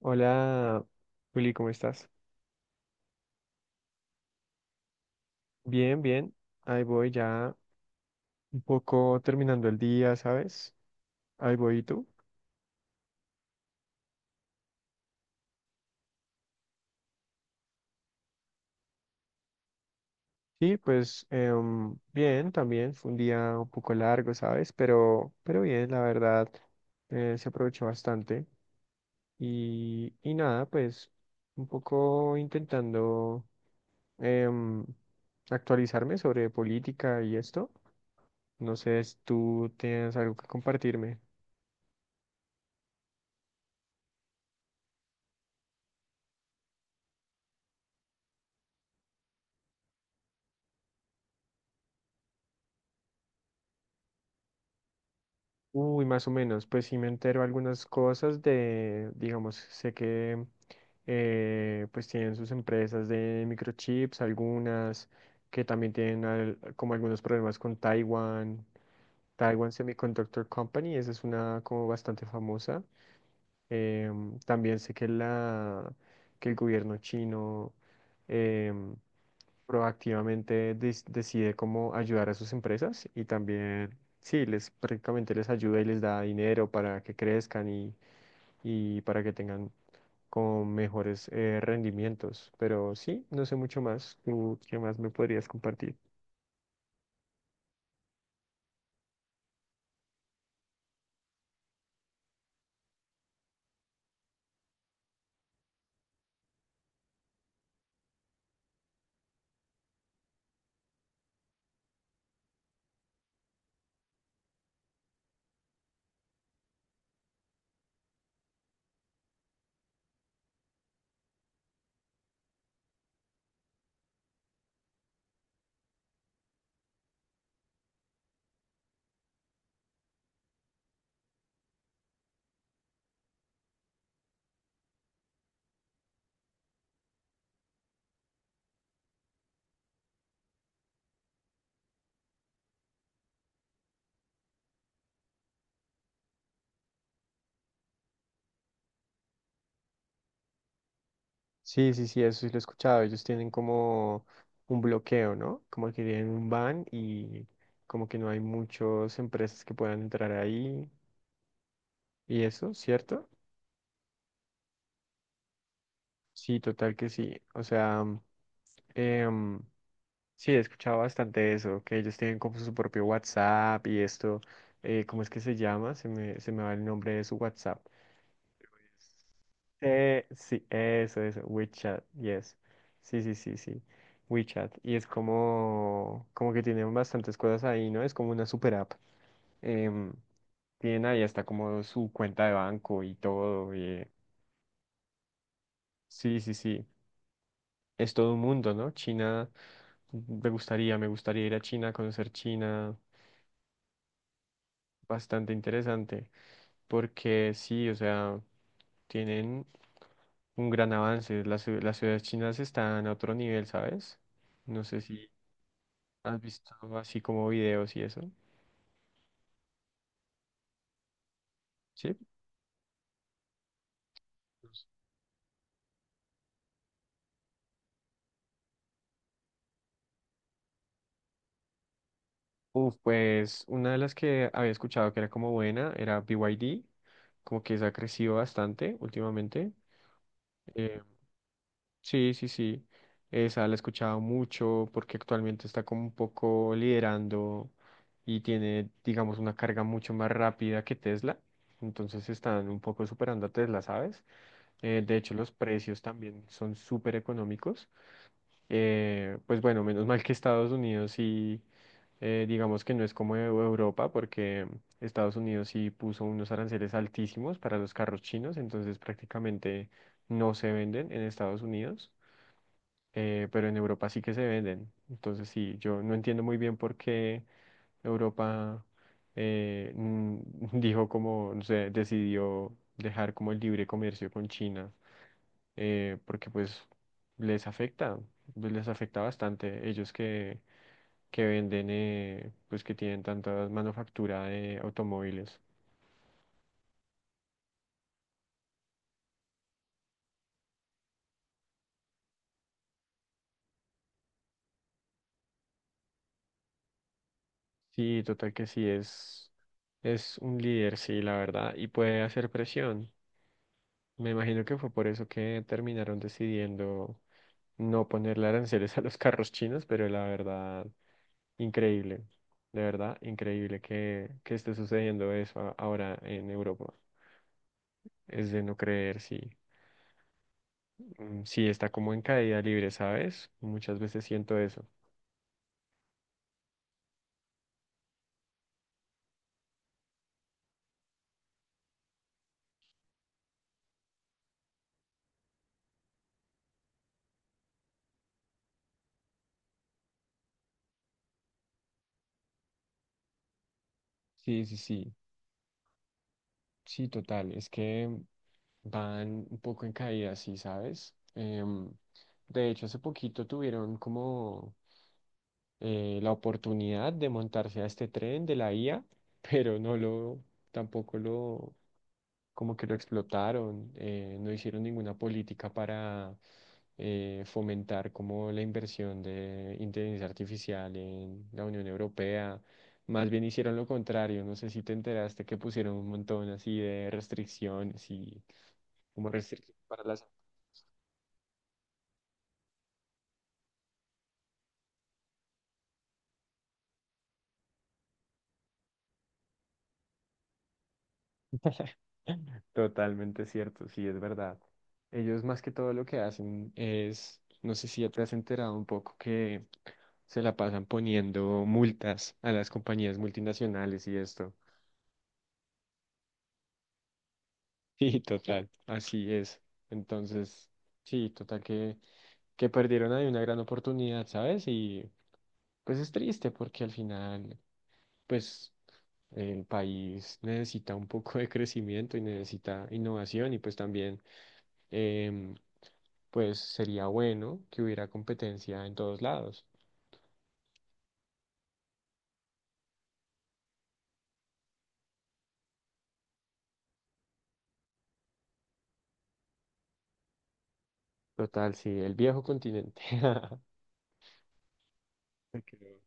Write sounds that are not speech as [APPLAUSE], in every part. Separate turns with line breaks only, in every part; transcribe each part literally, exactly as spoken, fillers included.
Hola, Juli, ¿cómo estás? Bien, bien. Ahí voy ya un poco terminando el día, ¿sabes? Ahí voy, ¿y tú? Sí, pues em, bien, también fue un día un poco largo, ¿sabes? Pero, pero bien, la verdad, eh, se aprovechó bastante. Y, y nada, pues un poco intentando em, actualizarme sobre política y esto. No sé si tú tienes algo que compartirme. Uy, más o menos, pues sí me entero algunas cosas de, digamos, sé que eh, pues tienen sus empresas de microchips, algunas que también tienen al- como algunos problemas con Taiwan, Taiwan Semiconductor Company, esa es una como bastante famosa. Em, también sé que, la, que el gobierno chino em, proactivamente des- decide cómo ayudar a sus empresas y también, sí, les prácticamente les ayuda y les da dinero para que crezcan y, y para que tengan como mejores eh, rendimientos. Pero sí, no sé mucho más. ¿Tú qué más me podrías compartir? Sí, sí, sí, eso sí lo he escuchado. Ellos tienen como un bloqueo, ¿no? Como que tienen un ban y como que no hay muchas empresas que puedan entrar ahí y eso, ¿cierto? Sí, total que sí. O sea, em, sí, he escuchado bastante eso, que ellos tienen como su propio WhatsApp y esto, eh, ¿cómo es que se llama? Se me, se me va el nombre de su WhatsApp. Eh, sí, eso, eso, WeChat, yes. Sí, sí, sí, sí. WeChat. Y es como, como que tienen bastantes cosas ahí, ¿no? Es como una super app. Em, tienen ahí hasta como su cuenta de banco y todo. Y, eh, sí, sí, sí. Es todo un mundo, ¿no? China, me gustaría, me gustaría ir a China, conocer China. Bastante interesante, porque sí, o sea, tienen un gran avance. Las, ciu- las ciudades chinas están a otro nivel, ¿sabes? No sé si has visto así como videos y eso. Sí. Uf, pues una de las que había escuchado que era como buena era B Y D, como que se ha crecido bastante últimamente. eh, Sí, sí, sí. Esa la he escuchado mucho porque actualmente está como un poco liderando y tiene, digamos, una carga mucho más rápida que Tesla. Entonces están un poco superando a Tesla, ¿sabes? Eh, de hecho, los precios también son súper económicos. Eh, pues bueno, menos mal que Estados Unidos sí, eh, digamos que no es como Eu- Europa, porque Estados Unidos sí puso unos aranceles altísimos para los carros chinos, entonces prácticamente no se venden en Estados Unidos eh, pero en Europa sí que se venden. Entonces sí, yo no entiendo muy bien por qué Europa eh, mm, [LAUGHS] dijo como, no sé, decidió dejar como el libre comercio con China, eh, porque pues les afecta, pues, les afecta bastante. Ellos que, que venden, eh, pues que tienen tanta manufactura de automóviles. Sí, total que sí, es, es un líder, sí, la verdad, y puede hacer presión. Me imagino que fue por eso que terminaron decidiendo no ponerle aranceles [LAUGHS] a los carros chinos, pero la verdad, increíble, de verdad, increíble que, que esté sucediendo eso a- ahora en Europa. Es de no creer, sí. Mm, sí, está como en caída libre, ¿sabes? Muchas veces siento eso. Sí, sí, sí, sí, total. Es que van un poco en caída, sí, ¿sabes? Em, de hecho, hace poquito tuvieron como eh, la oportunidad de montarse a este tren de la I A, [LAUGHS] pero no lo, tampoco lo, como que lo explotaron, eh, no hicieron ninguna política para eh, fomentar como la inversión de inteligencia artificial en la Unión Europea. Más bien hicieron lo contrario, no sé si te enteraste que pusieron un montón así de restricciones y como restricciones para las... [LAUGHS] Totalmente cierto, sí, es verdad. Ellos más que todo lo que hacen es, no sé si ya te has enterado un poco que se la pasan poniendo multas a las compañías multinacionales y esto. [LAUGHS] Sí total, así es. Entonces, sí, total que, que perdieron ahí una gran oportunidad, ¿sabes? Y pues es triste porque al final, pues el país necesita un poco de crecimiento y necesita innovación y pues también... em, pues sería bueno que hubiera competencia en todos lados. Total, sí, el viejo continente. [LAUGHS] Me quedo.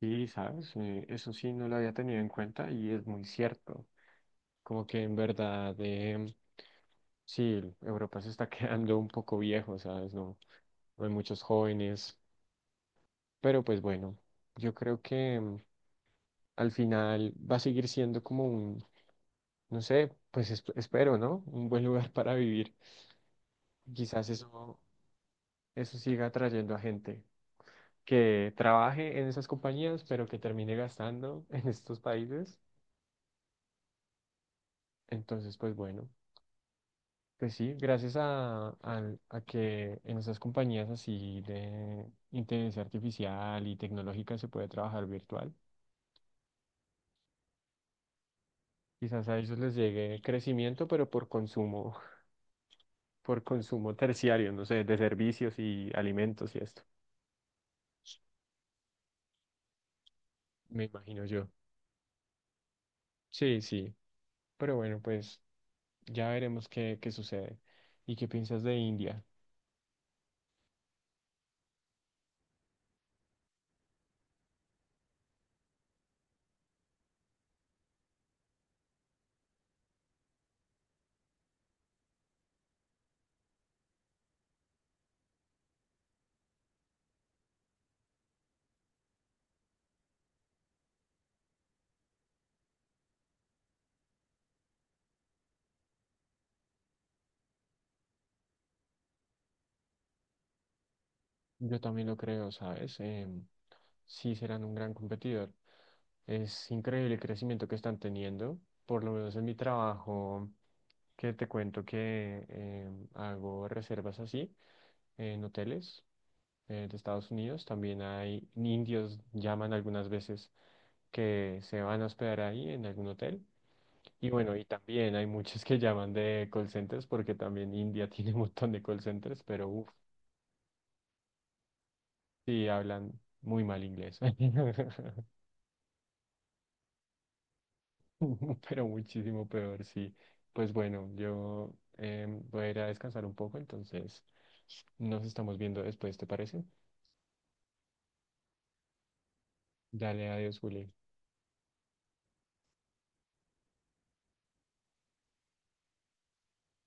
Sí, sabes, Eh, eso sí no lo había tenido en cuenta y es muy cierto. Como que en verdad, em, sí, Europa se está [LAUGHS] quedando un poco viejo, ¿sabes? No, no hay muchos jóvenes, pero pues bueno, yo creo que em, al final va a seguir siendo como un, no sé, pues esp- espero, ¿no? Un buen lugar [LAUGHS] para vivir. Quizás eso, eso siga atrayendo a gente que trabaje en esas compañías, pero que termine gastando [LAUGHS] en estos países. Entonces, pues bueno, pues sí, gracias a, al- a que en esas compañías así de inteligencia artificial y tecnológica se puede trabajar virtual, quizás a ellos les llegue crecimiento, pero por consumo, [LAUGHS] por consumo terciario, no sé, de servicios y alimentos y esto, me imagino yo. Sí, sí, pero bueno, pues ya veremos qué, qué sucede. ¿Y qué piensas de India? Yo también lo creo, ¿sabes? Em, sí serán un gran competidor. Es increíble el crecimiento que están teniendo, por lo menos en mi trabajo, que te cuento que em, hago reservas así en hoteles eh, de Estados Unidos. También hay indios, llaman algunas veces, que se van a hospedar ahí en algún hotel. Y bueno, y también hay muchos que llaman de call centers, porque también India [LAUGHS] tiene un montón de call centers, pero uff. Sí, hablan muy mal inglés, [LAUGHS] pero muchísimo peor, sí. Pues bueno, yo em, voy a ir a descansar un poco, entonces nos estamos viendo después, ¿te parece? Dale, adiós, Juli.